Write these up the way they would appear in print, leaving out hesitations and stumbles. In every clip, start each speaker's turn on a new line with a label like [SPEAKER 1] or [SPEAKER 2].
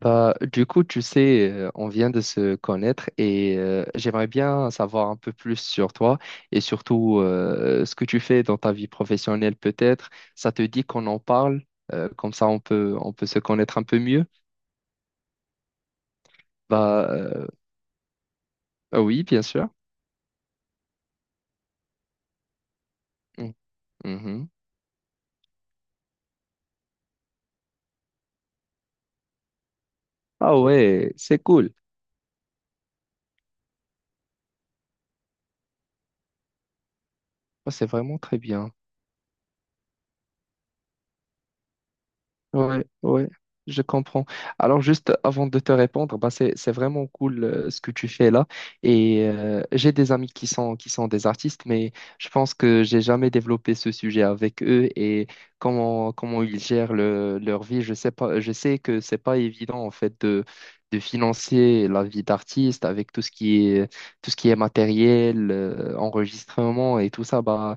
[SPEAKER 1] Bah, du coup, tu sais, on vient de se connaître et j'aimerais bien savoir un peu plus sur toi et surtout ce que tu fais dans ta vie professionnelle peut-être. Ça te dit qu'on en parle, comme ça on peut se connaître un peu mieux. Bah, ah oui, bien sûr. Mm. Mhm. Ah ouais, c'est cool. Oh, c'est vraiment très bien. Ouais, ouais, je comprends. Alors juste avant de te répondre, bah c'est vraiment cool, ce que tu fais là. Et j'ai des amis qui sont des artistes, mais je pense que j'ai jamais développé ce sujet avec eux. Et comment ils gèrent leur vie, je sais pas. Je sais que c'est pas évident en fait de financer la vie d'artiste avec tout ce qui est matériel, enregistrement et tout ça. Bah,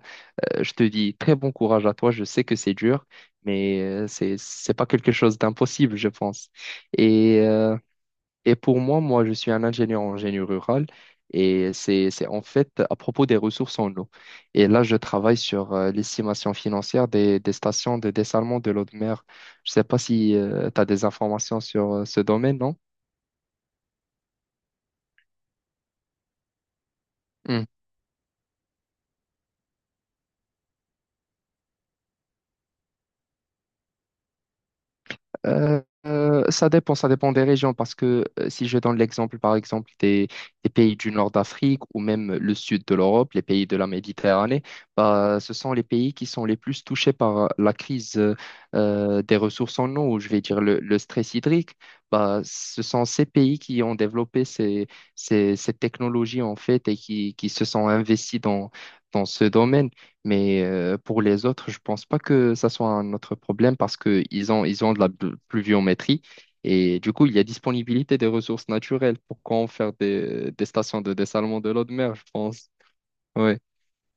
[SPEAKER 1] je te dis très bon courage à toi. Je sais que c'est dur, mais c'est pas quelque chose d'impossible, je pense. Et euh, et pour moi, je suis un ingénieur en génie rural, et c'est en fait à propos des ressources en eau. Et là, je travaille sur l'estimation financière des stations de dessalement de l'eau de mer. Je sais pas si tu as des informations sur ce domaine, non? Ça dépend des régions, parce que si je donne l'exemple par exemple des pays du nord d'Afrique, ou même le sud de l'Europe, les pays de la Méditerranée, bah, ce sont les pays qui sont les plus touchés par la crise des ressources en eau, ou je vais dire le stress hydrique. Bah, ce sont ces pays qui ont développé ces technologies en fait, et qui se sont investis dans ce domaine. Mais pour les autres, je pense pas que ça soit un autre problème, parce que ils ont de la pluviométrie, et du coup il y a disponibilité des ressources naturelles. Pourquoi en faire des stations de dessalement de l'eau de mer, je pense. Ouais.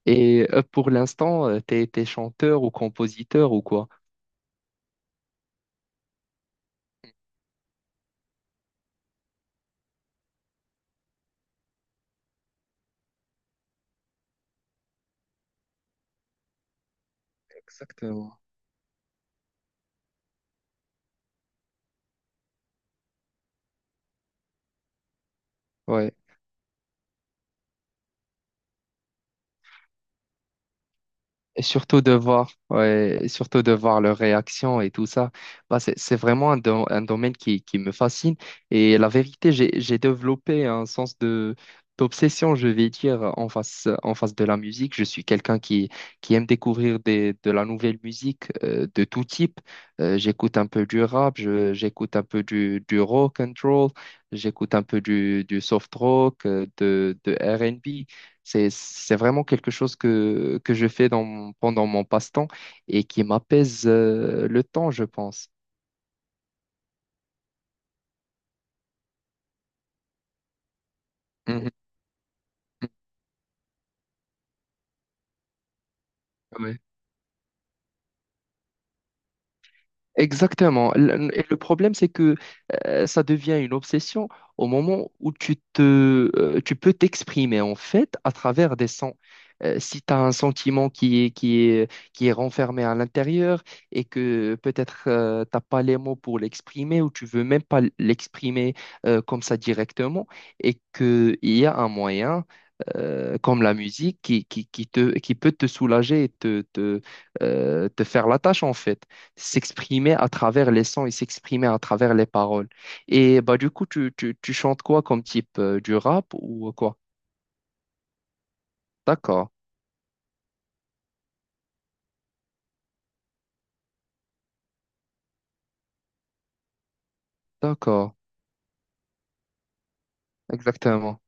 [SPEAKER 1] Et pour l'instant, t'es chanteur ou compositeur ou quoi? Exactement. Ouais. Et surtout de voir, ouais, et surtout de voir leurs réactions et tout ça. Bah, c'est vraiment un domaine qui me fascine. Et la vérité, j'ai développé un sens d'obsession, je vais dire, en face de la musique. Je suis quelqu'un qui aime découvrir de la nouvelle musique, de tout type. J'écoute un peu du rap, j'écoute un peu du rock and roll, j'écoute un peu du soft rock, de R and B. C'est vraiment quelque chose que je fais pendant mon passe-temps, et qui m'apaise, le temps, je pense. Mhm. Ouais. Exactement. Et le problème, c'est que ça devient une obsession au moment où tu peux t'exprimer en fait à travers des sons. Si tu as un sentiment qui est renfermé à l'intérieur, et que peut-être tu t'as pas les mots pour l'exprimer, ou tu veux même pas l'exprimer comme ça directement, et qu'il y a un moyen comme la musique qui peut te soulager et te faire la tâche en fait, s'exprimer à travers les sons et s'exprimer à travers les paroles. Et bah du coup, tu chantes quoi comme type, du rap ou quoi? D'accord, d'accord, exactement.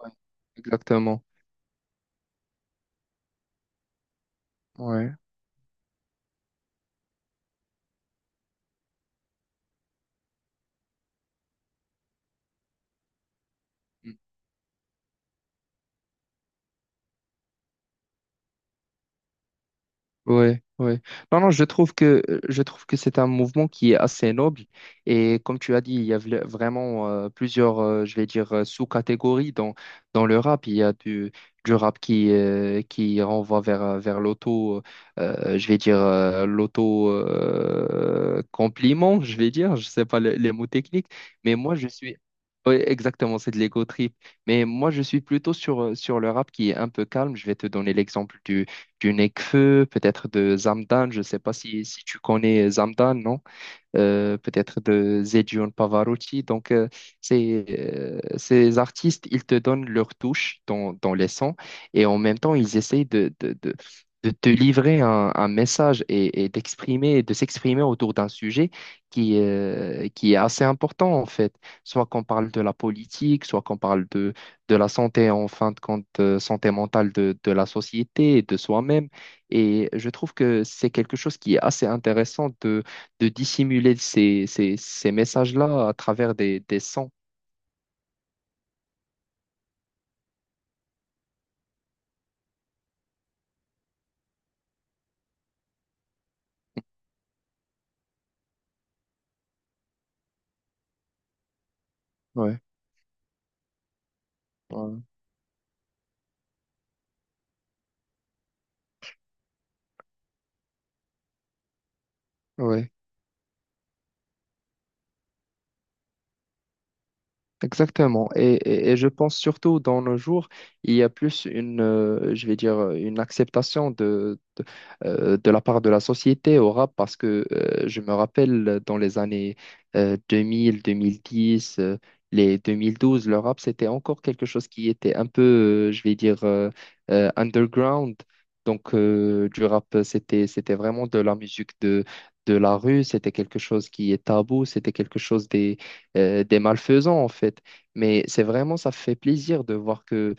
[SPEAKER 1] Ouais, exactement. Ouais. Ouais, ouais. Non, non, je trouve que c'est un mouvement qui est assez noble, et comme tu as dit, il y a vraiment, plusieurs, je vais dire, sous-catégories dans le rap. Il y a du rap qui renvoie vers, vers l'auto, compliment, je vais dire, je sais pas les mots techniques, mais moi je suis. Ouais, exactement, c'est de l'ego trip. Mais moi, je suis plutôt sur le rap qui est un peu calme. Je vais te donner l'exemple du Nekfeu, peut-être de Zamdan. Je ne sais pas si tu connais Zamdan, non? Peut-être de Zedjon Pavarotti. Donc, ces artistes, ils te donnent leur touche dans les sons, et en même temps, ils essayent de te livrer un message, et d'exprimer, de s'exprimer autour d'un sujet qui est assez important en fait. Soit qu'on parle de la politique, soit qu'on parle de la santé en fin de compte, santé mentale de la société et de soi-même. Et je trouve que c'est quelque chose qui est assez intéressant, de dissimuler ces messages-là à travers des sons. Ouais, ouais, ouais. Exactement. Et je pense surtout dans nos jours, il y a plus une, je vais dire, une acceptation de la part de la société au rap, parce que je me rappelle dans les années 2000, 2010, les 2012, le rap, c'était encore quelque chose qui était un peu, je vais dire, underground. Donc, du rap, c'était vraiment de la musique de la rue, c'était quelque chose qui est tabou, c'était quelque chose, des malfaisants en fait. Mais c'est vraiment, ça fait plaisir de voir que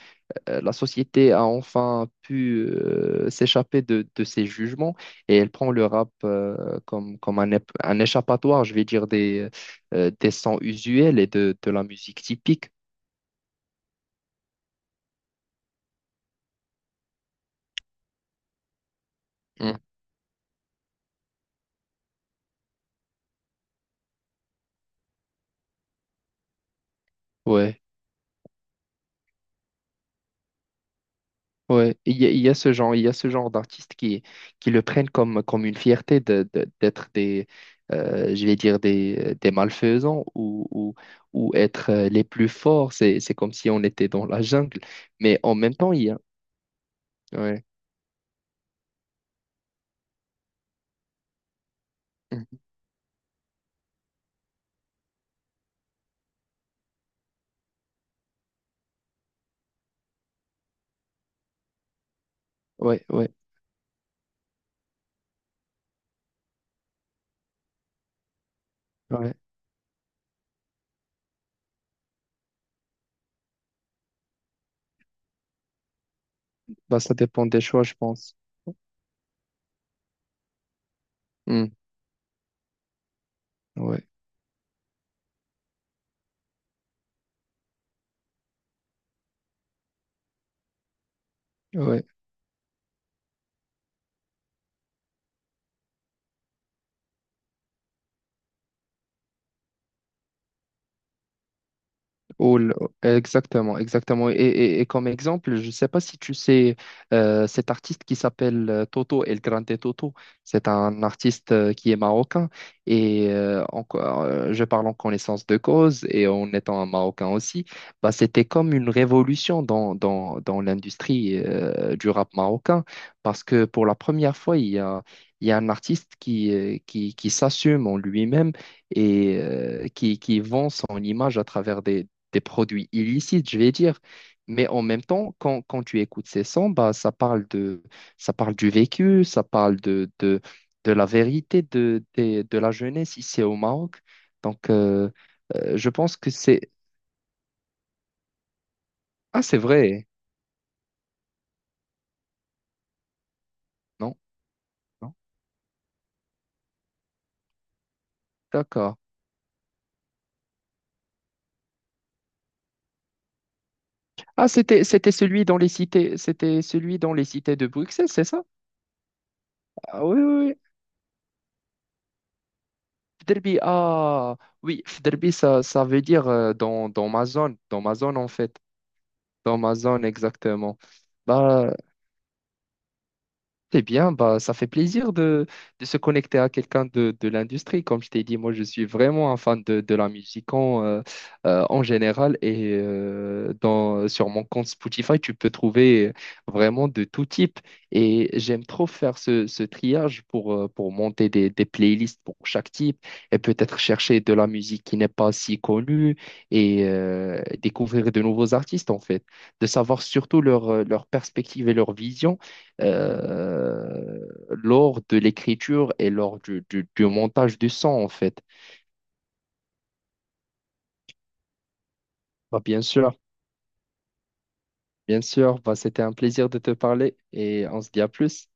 [SPEAKER 1] la société a enfin pu s'échapper de ses jugements, et elle prend le rap comme, comme un échappatoire, je vais dire, des sons usuels et de la musique typique. Mm. Ouais. Ouais, il y a ce genre d'artistes qui le prennent comme une fierté d'être je vais dire des malfaisants, ou être, les plus forts. C'est comme si on était dans la jungle. Mais en même temps, il y a. Ouais. Mhm. Ouais, ouais, ouais. Bah, ça dépend des choix, je pense. Mm. Ouais, ouais. Ou le- Exactement, exactement. Et, comme exemple, je ne sais pas si tu sais, cet artiste qui s'appelle, Toto, El Grande Toto. C'est un artiste, qui est marocain, et encore, je parle en connaissance de cause et en étant un marocain aussi, bah, c'était comme une révolution dans l'industrie, du rap marocain, parce que pour la première fois, il y a un artiste qui s'assume en lui-même, et qui vend son image à travers des produits illicites, je vais dire. Mais en même temps, quand tu écoutes ces sons, bah, ça parle du vécu, ça parle de la vérité de la jeunesse ici au Maroc. Donc, je pense que c'est... Ah, c'est vrai, non? Non. D'accord. Ah, c'était celui dans les cités, de Bruxelles, c'est ça? Ah, oui, oui, oui. Fderbi, ah, oui, Fderbi, ça veut dire, dans ma zone en fait. Dans ma zone, exactement. Bah, eh bien, ça fait plaisir de se connecter à quelqu'un de l'industrie. Comme je t'ai dit, moi, je suis vraiment un fan de la musique en, en général. Et sur mon compte Spotify, tu peux trouver vraiment de tout type. Et j'aime trop faire ce triage, pour monter des playlists pour chaque type, et peut-être chercher de la musique qui n'est pas si connue, et découvrir de nouveaux artistes, en fait. De savoir surtout leur perspective et leur vision, euh, lors de l'écriture et lors du montage du son, en fait. Bah, bien sûr, bah, c'était un plaisir de te parler et on se dit à plus.